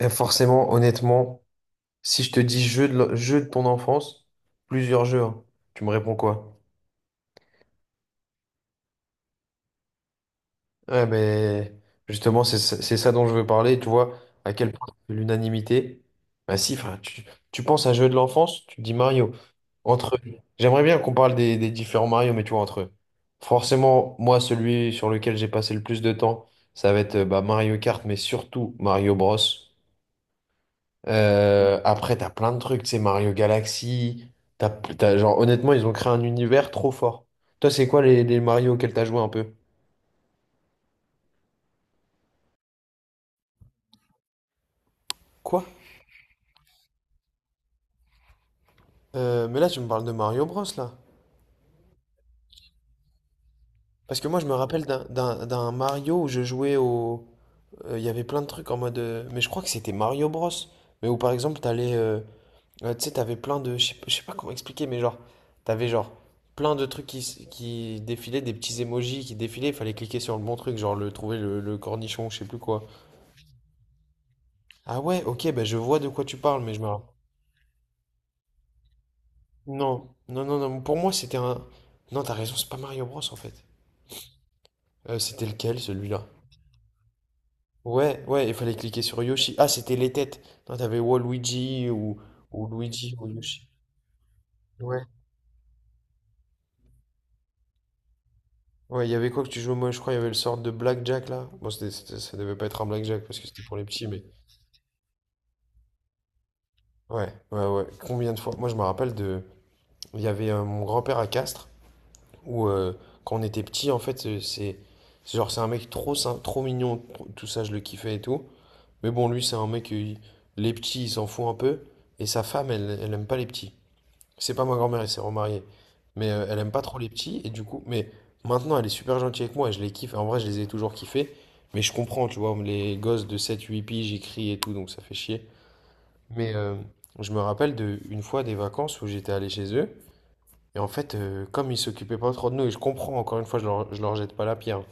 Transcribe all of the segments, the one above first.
Et forcément, honnêtement, si je te dis jeu de ton enfance, plusieurs jeux, hein, tu me réponds quoi? Ouais, mais justement, c'est ça dont je veux parler, tu vois, à quel point l'unanimité. Bah si, frère, tu penses à jeu de l'enfance, tu te dis Mario. Entre J'aimerais bien qu'on parle des différents Mario, mais tu vois, entre eux. Forcément, moi, celui sur lequel j'ai passé le plus de temps, ça va être bah, Mario Kart, mais surtout Mario Bros. Après, t'as plein de trucs, tu sais, Mario Galaxy. Genre, honnêtement, ils ont créé un univers trop fort. Toi, c'est quoi les Mario auxquels t'as joué un peu? Quoi? Mais là, tu me parles de Mario Bros, là. Parce que moi, je me rappelle d'un Mario où je jouais au. Il y avait plein de trucs en mode. Mais je crois que c'était Mario Bros. Mais où, par exemple, t'allais. Tu sais, t'avais plein de. Je sais pas comment expliquer, mais genre. T'avais genre plein de trucs qui défilaient, des petits emojis qui défilaient. Il fallait cliquer sur le bon truc, genre le trouver le cornichon, je sais plus quoi. Ah ouais, ok, bah je vois de quoi tu parles, Non, non, non, non, pour moi c'était un. Non, t'as raison, c'est pas Mario Bros en fait. C'était lequel celui-là? Ouais, ouais, il fallait cliquer sur Yoshi. Ah, c'était les têtes. Non, t'avais Waluigi ou Luigi ou Yoshi. Ouais. Ouais, il y avait quoi que tu jouais? Moi, je crois il y avait le sort de Blackjack là. Bon, c'était ça devait pas être un Blackjack parce que c'était pour les petits, mais. Ouais, ouais, ouais. Combien de fois? Moi, je me rappelle de. Il y avait mon grand-père à Castres. Ou quand on était petit, en fait, c'est genre c'est un mec trop mignon, tout ça je le kiffais et tout. Mais bon, lui c'est un mec, les petits il s'en fout un peu et sa femme elle aime pas les petits. C'est pas ma grand-mère, elle s'est remariée, mais elle aime pas trop les petits et du coup, mais maintenant elle est super gentille avec moi et je les kiffe. En vrai, je les ai toujours kiffés, mais je comprends, tu vois, les gosses de 7, 8 piges j'écris et tout, donc ça fait chier. Mais je me rappelle de une fois des vacances où j'étais allé chez eux. Et en fait, comme ils s'occupaient pas trop de nous, et je comprends, encore une fois, je leur jette pas la pierre,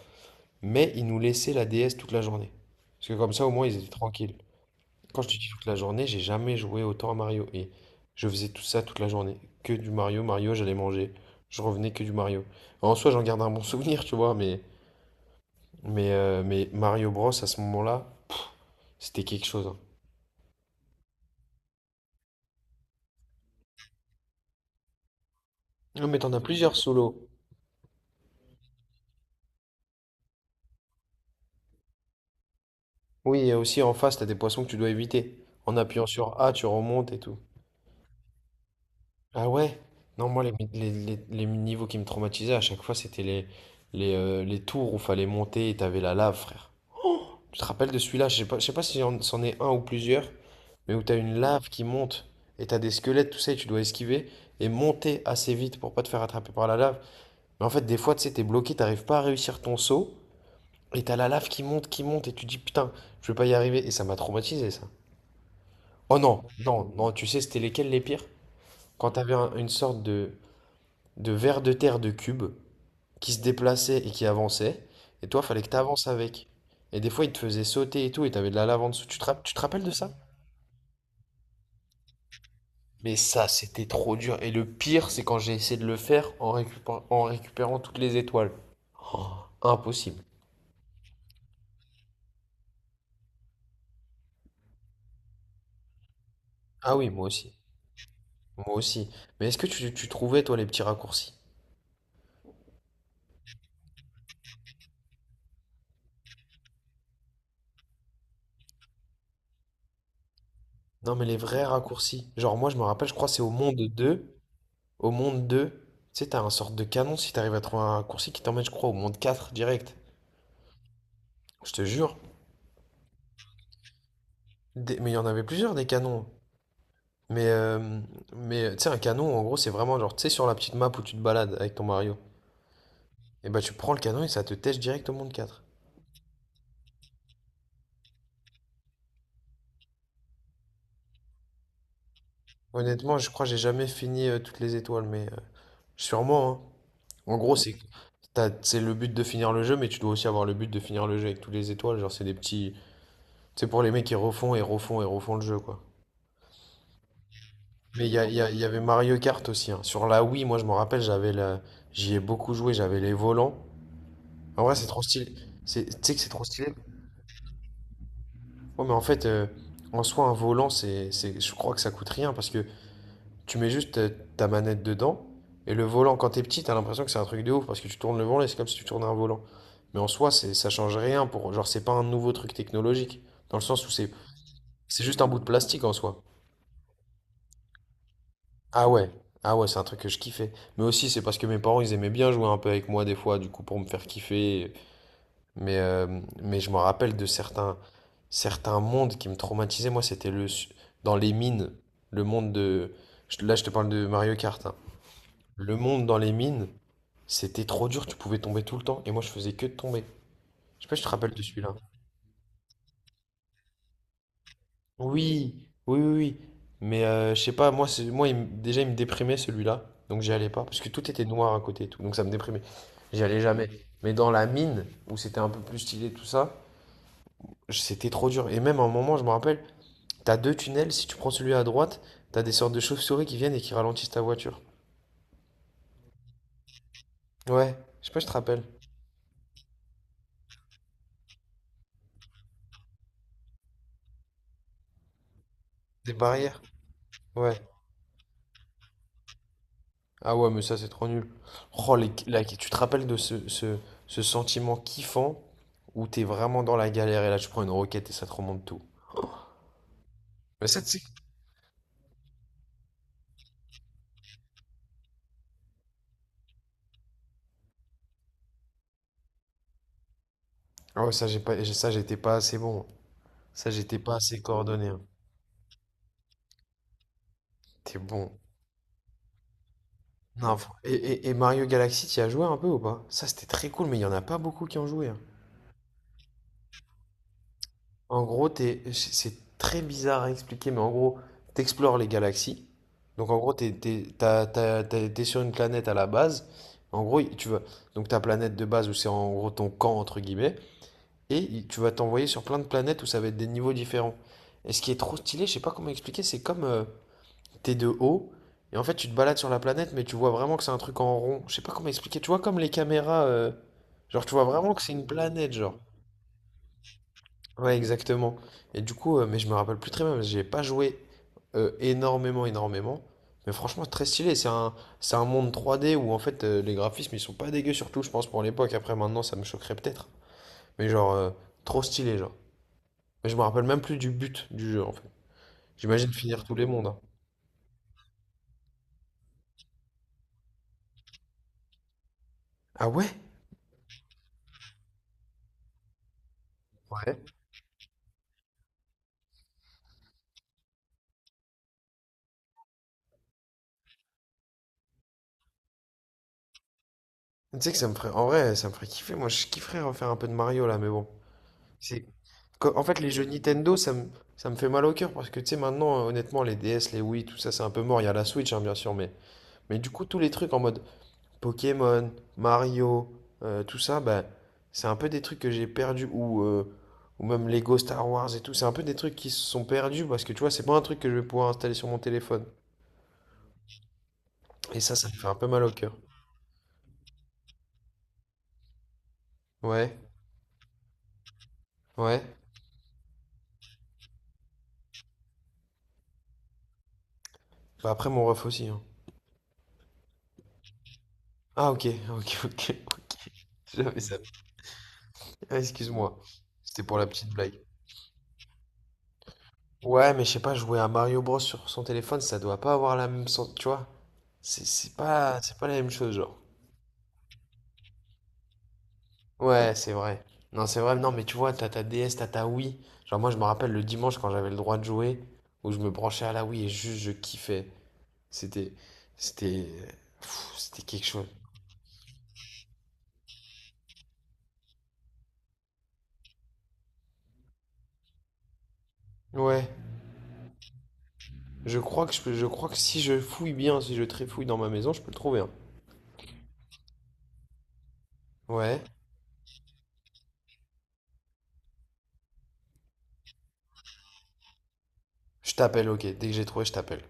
mais ils nous laissaient la DS toute la journée. Parce que comme ça, au moins, ils étaient tranquilles. Quand je te dis toute la journée, j'ai jamais joué autant à Mario. Et je faisais tout ça toute la journée. Que du Mario, Mario, j'allais manger. Je revenais que du Mario. En soi, j'en garde un bon souvenir, tu vois, mais Mario Bros, à ce moment-là, pff, c'était quelque chose, hein. Non, mais t'en as plusieurs solos. Oui, et aussi en face, t'as des poissons que tu dois éviter. En appuyant sur A, tu remontes et tout. Ah ouais? Non, moi, les niveaux qui me traumatisaient à chaque fois, c'était les tours où fallait monter et t'avais la lave, frère. Tu te rappelles de celui-là? Je sais pas si c'en est un ou plusieurs, mais où t'as une lave qui monte et t'as des squelettes, tout ça, et tu dois esquiver et monter assez vite pour pas te faire attraper par la lave. Mais en fait, des fois, tu sais, t'es bloqué, t'arrives pas à réussir ton saut et t'as la lave qui monte et tu dis putain, je vais pas y arriver. Et ça m'a traumatisé, ça. Oh non, non, non, tu sais, c'était lesquels les pires? Quand t'avais une sorte De vers de terre de cubes qui se déplaçaient et qui avançaient. Et toi, fallait que tu avances avec. Et des fois, ils te faisaient sauter et tout, et t'avais de la lave en dessous. Tu te rappelles de ça? Mais ça, c'était trop dur. Et le pire, c'est quand j'ai essayé de le faire en récupérant toutes les étoiles. Oh, impossible. Ah oui, moi aussi. Moi aussi. Mais est-ce que tu trouvais, toi, les petits raccourcis? Non, mais les vrais raccourcis. Genre, moi, je me rappelle, je crois, que c'est au monde deux tu sais, t'as un sorte de canon si t'arrives à trouver un raccourci qui t'emmène, je crois, au monde 4 direct. Je te jure. Mais il y en avait plusieurs des canons. Mais, euh, mais, tu sais, un canon, en gros, c'est vraiment genre, tu sais, sur la petite map où tu te balades avec ton Mario. Et bah, tu prends le canon et ça te tèche direct au monde quatre. Honnêtement, je crois que j'ai jamais fini toutes les étoiles, mais sûrement, hein. En gros, c'est le but de finir le jeu, mais tu dois aussi avoir le but de finir le jeu avec toutes les étoiles. Genre, c'est des petits. C'est pour les mecs qui refont et refont et refont le jeu, quoi. Mais il y, a- il y a- il y avait Mario Kart aussi, hein. Sur la Wii, moi, je me rappelle, j'y ai beaucoup joué, j'avais les volants. En vrai, c'est trop stylé. Tu sais que c'est trop stylé. Ouais, mais en fait, en soi, un volant, c'est, je crois que ça coûte rien parce que tu mets juste ta manette dedans et le volant, quand t'es petit, t'as l'impression que c'est un truc de ouf parce que tu tournes le volant et c'est comme si tu tournais un volant. Mais en soi, ça change rien pour, genre, c'est pas un nouveau truc technologique dans le sens où c'est juste un bout de plastique en soi. Ah ouais, ah ouais, c'est un truc que je kiffais. Mais aussi, c'est parce que mes parents, ils aimaient bien jouer un peu avec moi des fois, du coup, pour me faire kiffer. Mais je me rappelle de certains mondes qui me traumatisaient. Moi, c'était dans les mines, le monde de. Là, je te parle de Mario Kart, hein. Le monde dans les mines, c'était trop dur, tu pouvais tomber tout le temps. Et moi, je faisais que de tomber. Je sais pas si tu te rappelles de celui-là. Oui, oui, oui, oui. Mais je sais pas, moi, déjà, il me déprimait celui-là. Donc, j'y allais pas. Parce que tout était noir à côté et tout. Donc, ça me déprimait. J'y allais jamais. Mais dans la mine, où c'était un peu plus stylé, tout ça, c'était trop dur. Et même à un moment, je me rappelle. T'as deux tunnels, si tu prends celui à droite, t'as des sortes de chauves-souris qui viennent et qui ralentissent ta voiture. Ouais, je sais pas, je te rappelle. Des barrières. Ouais. Ah ouais, mais ça, c'est trop nul. Oh, tu te rappelles de ce sentiment kiffant où t'es vraiment dans la galère et là, tu prends une roquette et ça te remonte tout. Mais ça, Ça, tu sais- ah ouais, ça, j'ai pas, ça, j'étais pas assez bon. Ça, j'étais pas assez coordonné, hein. T'es bon. Non, et Mario Galaxy, t'y as joué un peu ou pas? Ça, c'était très cool, mais il y en a pas beaucoup qui ont joué, hein. En gros, c'est très bizarre à expliquer, mais en gros, t'explores les galaxies. Donc en gros, t'es sur une planète à la base. En gros, tu vas donc ta planète de base où c'est en gros ton camp entre guillemets, et tu vas t'envoyer sur plein de planètes où ça va être des niveaux différents. Et ce qui est trop stylé, je sais pas comment expliquer, c'est comme t'es de haut et en fait tu te balades sur la planète, mais tu vois vraiment que c'est un truc en rond. Je sais pas comment expliquer. Tu vois comme les caméras, genre tu vois vraiment que c'est une planète, genre. Ouais, exactement. Et du coup, mais je me rappelle plus très bien, parce que j'ai pas joué énormément, énormément. Mais franchement, très stylé. C'est un monde 3D où en fait les graphismes ils sont pas dégueux, surtout je pense pour l'époque. Après, maintenant, ça me choquerait peut-être. Mais genre, trop stylé, genre. Mais je me rappelle même plus du but du jeu en fait. J'imagine finir tous les mondes, hein. Ah ouais? Ouais. Tu sais que ça me ferait, en vrai, ça me ferait kiffer. Moi, je kifferais refaire un peu de Mario là, mais bon. C'est... En fait, les jeux Nintendo, ça me fait mal au cœur parce que tu sais, maintenant, honnêtement, les DS, les Wii, tout ça, c'est un peu mort. Il y a la Switch, hein, bien sûr, mais du coup, tous les trucs en mode Pokémon, Mario, tout ça, bah, c'est un peu des trucs que j'ai perdus ou même Lego Star Wars et tout. C'est un peu des trucs qui se sont perdus parce que tu vois, c'est pas un truc que je vais pouvoir installer sur mon téléphone. Et ça me fait un peu mal au cœur. Ouais, ouais. Bah, après, mon ref aussi, hein. Ah, ok, ok, ok. J'avais ça. Ah, excuse-moi. C'était pour la petite blague. Ouais, mais je sais pas, jouer à Mario Bros sur son téléphone, ça doit pas avoir la même sens, tu vois. C'est pas, c'est pas la même chose, genre. Ouais, c'est vrai. Non, c'est vrai, non, mais tu vois, t'as ta DS, t'as ta Wii. Genre, moi, je me rappelle le dimanche quand j'avais le droit de jouer, où je me branchais à la Wii et juste je kiffais. C'était, c'était, c'était quelque chose. Ouais, je crois que je peux, je crois que si je fouille bien, si je trifouille dans ma maison, je peux le trouver, hein. Ouais, je t'appelle, ok, dès que j'ai trouvé, je t'appelle.